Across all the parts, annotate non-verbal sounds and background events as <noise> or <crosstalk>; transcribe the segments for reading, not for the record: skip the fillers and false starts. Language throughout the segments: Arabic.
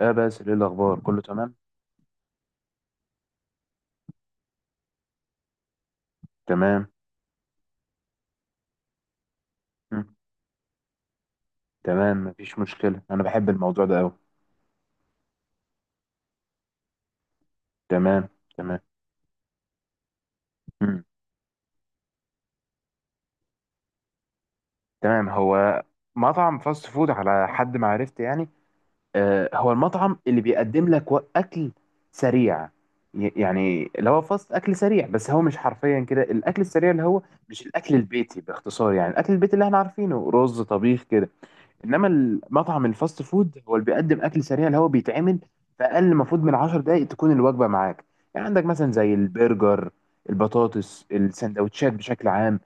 اه، بس ايه الاخبار؟ كله تمام، تمام. مم. تمام، مفيش مشكله، انا بحب الموضوع ده قوي. تمام، تمام. مم. تمام، هو مطعم فاست فود على حد ما عرفت يعني. آه، هو المطعم اللي بيقدم لك اكل سريع. يعني اللي هو فاست، اكل سريع، بس هو مش حرفيا كده الاكل السريع اللي هو مش الاكل البيتي. باختصار يعني الاكل البيتي اللي احنا عارفينه رز، طبيخ، كده. انما المطعم الفاست فود هو اللي بيقدم اكل سريع، اللي هو بيتعمل في اقل المفروض من 10 دقائق تكون الوجبه معاك. يعني عندك مثلا زي البرجر، البطاطس، السندوتشات بشكل عام،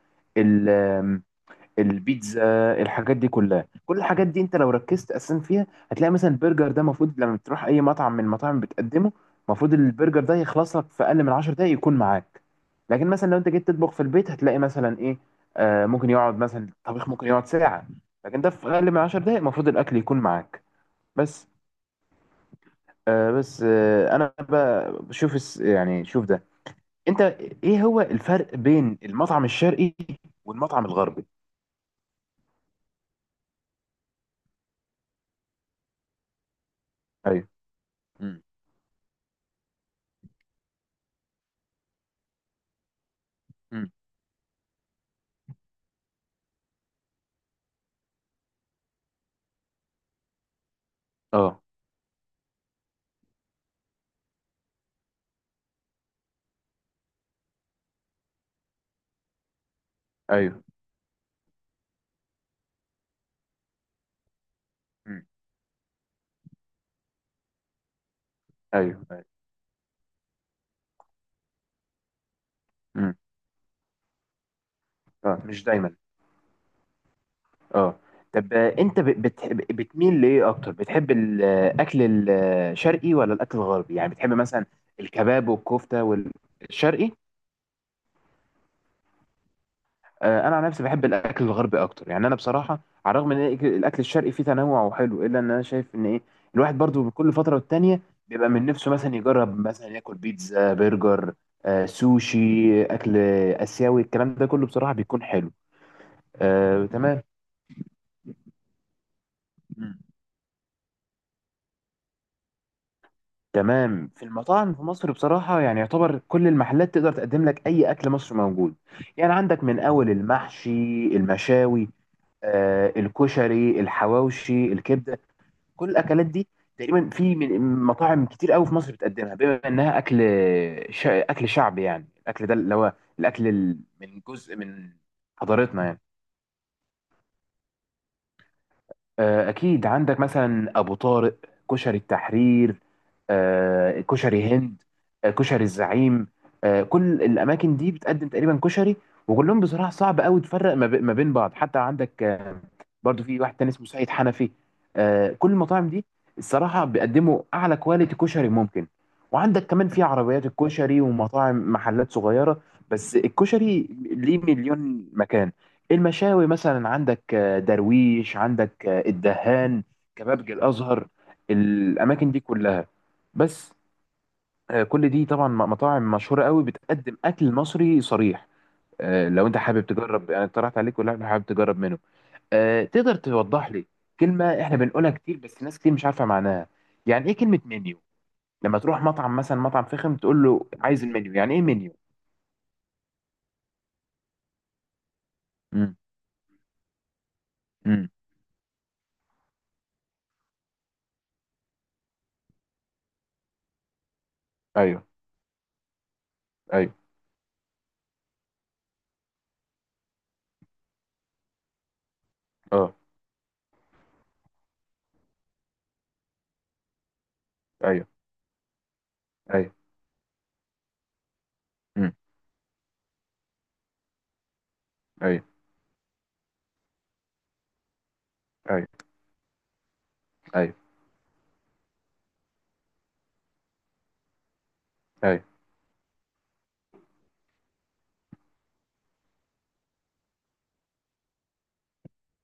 البيتزا. الحاجات دي كلها، كل الحاجات دي انت لو ركزت اساسا فيها هتلاقي مثلا البرجر ده المفروض لما تروح اي مطعم من المطاعم بتقدمه، المفروض البرجر ده يخلص لك في اقل من 10 دقايق يكون معاك. لكن مثلا لو انت جيت تطبخ في البيت هتلاقي مثلا ايه، ممكن يقعد مثلا الطبيخ ممكن يقعد ساعة، لكن ده في اقل من 10 دقايق المفروض الاكل يكون معاك بس. بس انا بقى بشوف يعني شوف ده، انت ايه هو الفرق بين المطعم الشرقي والمطعم الغربي؟ ايوه. امم. امم. اه. ايوه. مم. ايوه، ايوه. مم. اه، مش دايما. اه. طب انت بتحب، بتميل لايه اكتر؟ بتحب الاكل الشرقي ولا الاكل الغربي؟ يعني بتحب مثلا الكباب والكفته والشرقي؟ انا عن نفسي بحب الاكل الغربي اكتر. يعني انا بصراحه على الرغم ان الاكل الشرقي فيه تنوع وحلو، الا ان انا شايف ان ايه، الواحد برضو كل فتره والتانيه بيبقى من نفسه مثلا يجرب، مثلا ياكل بيتزا، برجر، سوشي، اكل اسيوي، الكلام ده كله بصراحه بيكون حلو. تمام. تمام، في المطاعم في مصر بصراحة يعني يعتبر كل المحلات تقدر تقدم لك أي أكل مصري موجود. يعني عندك من أول المحشي، المشاوي، الكشري، الحواوشي، الكبدة، كل الأكلات دي تقريبا في من مطاعم كتير قوي في مصر بتقدمها، بما إنها أكل أكل شعبي. يعني الأكل ده اللي هو الأكل من جزء من حضارتنا يعني. اكيد عندك مثلا ابو طارق، كشري التحرير، كشري هند، كشري الزعيم، كل الاماكن دي بتقدم تقريبا كشري، وكلهم بصراحه صعب قوي تفرق ما ما بين بعض. حتى عندك برضو في واحد تاني اسمه سعيد حنفي. كل المطاعم دي الصراحه بيقدموا اعلى كواليتي كشري ممكن. وعندك كمان في عربيات الكشري ومطاعم، محلات صغيره، بس الكشري ليه مليون مكان. المشاوي مثلا عندك درويش، عندك الدهان، كبابجي الازهر، الاماكن دي كلها بس. كل دي طبعا مطاعم مشهوره قوي بتقدم اكل مصري صريح. لو انت حابب تجرب انا اقترحت عليك، ولا أنت حابب تجرب منه؟ تقدر توضح لي كلمه احنا بنقولها كتير بس ناس كتير مش عارفه معناها، يعني ايه كلمه منيو؟ لما تروح مطعم، مثلا مطعم فخم، تقول له عايز المنيو، يعني ايه منيو؟ امم. امم. ايوه، ايوه. اه. ايوه. ايوه. امم. ايوه. ايوه. ايوه. ايوه.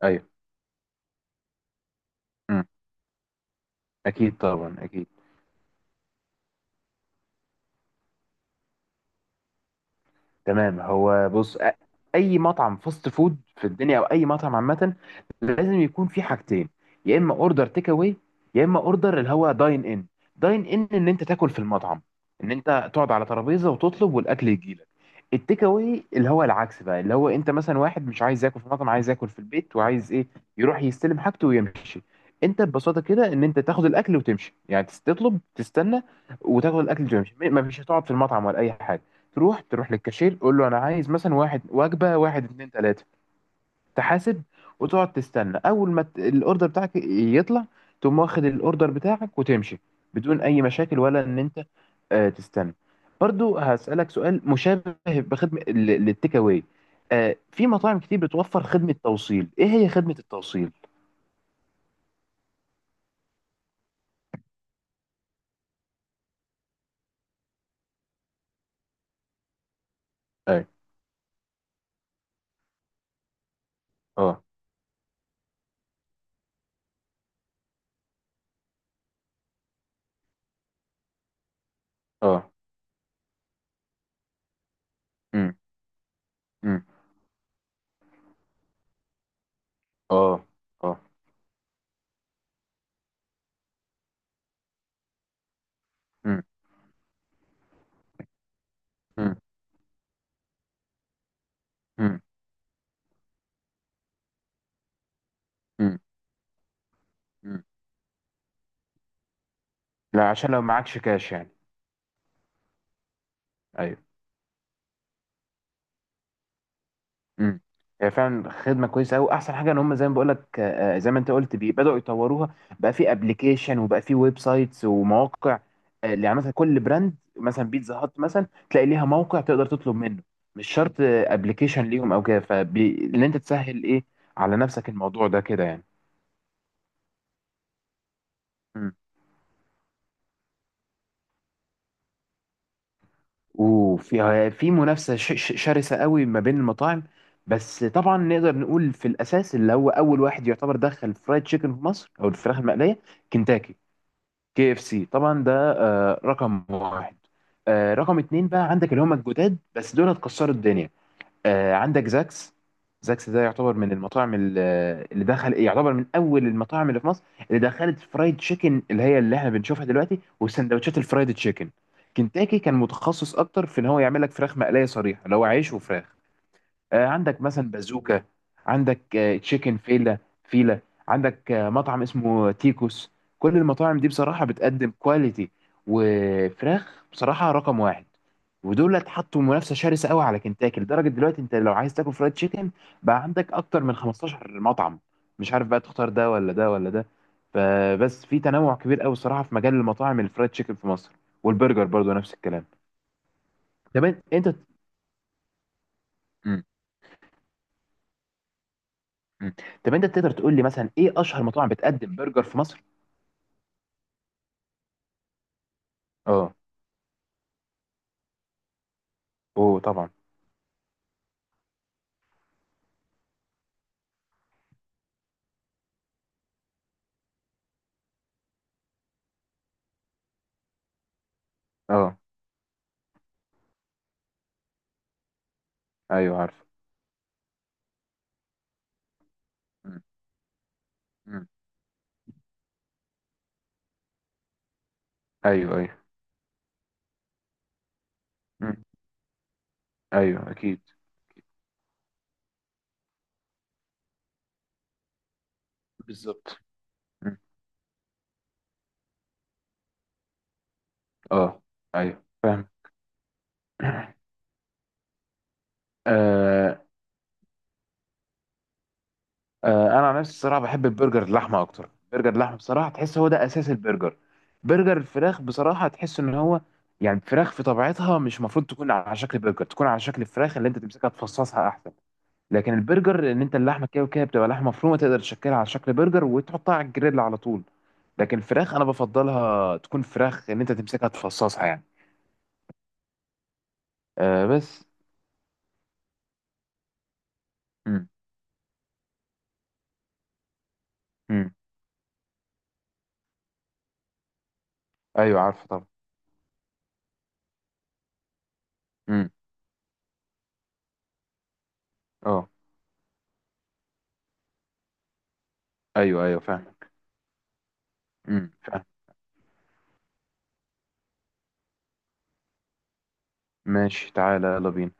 ايوه. امم. اكيد طبعا، اكيد. تمام، هو بص، اي مطعم فاست فود في الدنيا او اي مطعم عامه لازم يكون في حاجتين: يا اما اوردر تيك اواي، يا اما اوردر اللي هو داين ان. داين ان ان انت تاكل في المطعم، ان انت تقعد على ترابيزه وتطلب والاكل يجيلك. التيك اواي اللي هو العكس بقى، اللي هو انت مثلا واحد مش عايز ياكل في مطعم، عايز ياكل في البيت، وعايز ايه، يروح يستلم حاجته ويمشي. انت ببساطه كده ان انت تاخد الاكل وتمشي. يعني تطلب، تستنى، وتاخد الاكل وتمشي. ما فيش هتقعد في المطعم ولا اي حاجه. تروح، تروح للكاشير، تقول له انا عايز مثلا واحد وجبه واحد اتنين تلاته، تحاسب، وتقعد تستنى، اول ما الاوردر بتاعك يطلع تقوم واخد الاوردر بتاعك وتمشي، بدون اي مشاكل، ولا ان انت تستنى. برضو هسألك سؤال مشابه بخدمة للتيك اواي. في مطاعم كتير بتوفر خدمة توصيل. ايه هي خدمة التوصيل؟ اي. اه. اه. امم. امم. اه. اه. امم. امم. امم. امم. لا، عشان لو معكش كاش يعني. أيوة. امم. هي فعلا خدمه كويسه قوي. احسن حاجه ان هم زي ما بقول لك، زي ما انت قلت بدأوا يطوروها. بقى في ابلكيشن، وبقى في ويب سايتس ومواقع. يعني مثلا كل براند، مثلا بيتزا هات مثلا تلاقي ليها موقع تقدر تطلب منه، مش شرط ابلكيشن ليهم او كده، فان انت تسهل ايه على نفسك الموضوع ده كده يعني. مم. وفي في منافسه شرسه قوي ما بين المطاعم، بس طبعا نقدر نقول في الاساس اللي هو اول واحد يعتبر دخل فرايد تشيكن في مصر او الفراخ المقليه كنتاكي. كي اف سي طبعا، ده رقم واحد. رقم اتنين بقى عندك اللي هم الجداد، بس دول هتكسروا الدنيا. عندك زاكس. زاكس ده يعتبر من المطاعم اللي دخل، يعتبر من اول المطاعم اللي في مصر اللي دخلت فرايد تشيكن، اللي هي اللي احنا بنشوفها دلوقتي والسندوتشات الفرايد تشيكن. كنتاكي كان متخصص اكتر في ان هو يعمل لك فراخ مقليه صريحه، اللي هو عيش وفراخ. عندك مثلا بازوكا، عندك تشيكن فيلا، فيلا، عندك مطعم اسمه تيكوس. كل المطاعم دي بصراحة بتقدم كواليتي وفراخ بصراحة رقم واحد، ودول اتحطوا منافسة شرسة قوي على كنتاكي، لدرجة دلوقتي انت لو عايز تاكل فرايد تشيكن بقى عندك اكتر من 15 مطعم، مش عارف بقى تختار ده ولا ده ولا ده. فبس في تنوع كبير قوي الصراحة في مجال المطاعم الفرايد تشيكن في مصر، والبرجر برضو نفس الكلام. طب انت. مم. مم. طب انت تقدر تقول لي مثلا ايه اشهر مطاعم بتقدم برجر في مصر؟ اه. اوه طبعا. اه. ايوه عارف. مم. مم. ايوه، ايوه. مم. ايوه اكيد. بالظبط. مم. اه. ايوه فاهم. <clears throat> آه. انا عن نفسي الصراحه بحب البرجر اللحمه اكتر. برجر اللحمه بصراحه تحس هو ده اساس البرجر. برجر الفراخ بصراحه تحس ان هو، يعني الفراخ في طبيعتها مش المفروض تكون على شكل برجر، تكون على شكل الفراخ اللي انت تمسكها تفصصها احسن. لكن البرجر ان انت، اللحمه كده وكده بتبقى لحمه مفرومه، تقدر تشكلها على شكل برجر وتحطها على الجريل على طول. لكن الفراخ انا بفضلها تكون فراخ، ان انت تمسكها تفصصها يعني. بس. امم. امم. ايوه عارفه طبعا. امم. اه. ايوه، ايوه فاهم. فاهم. ماشي، تعالى، يلا بينا.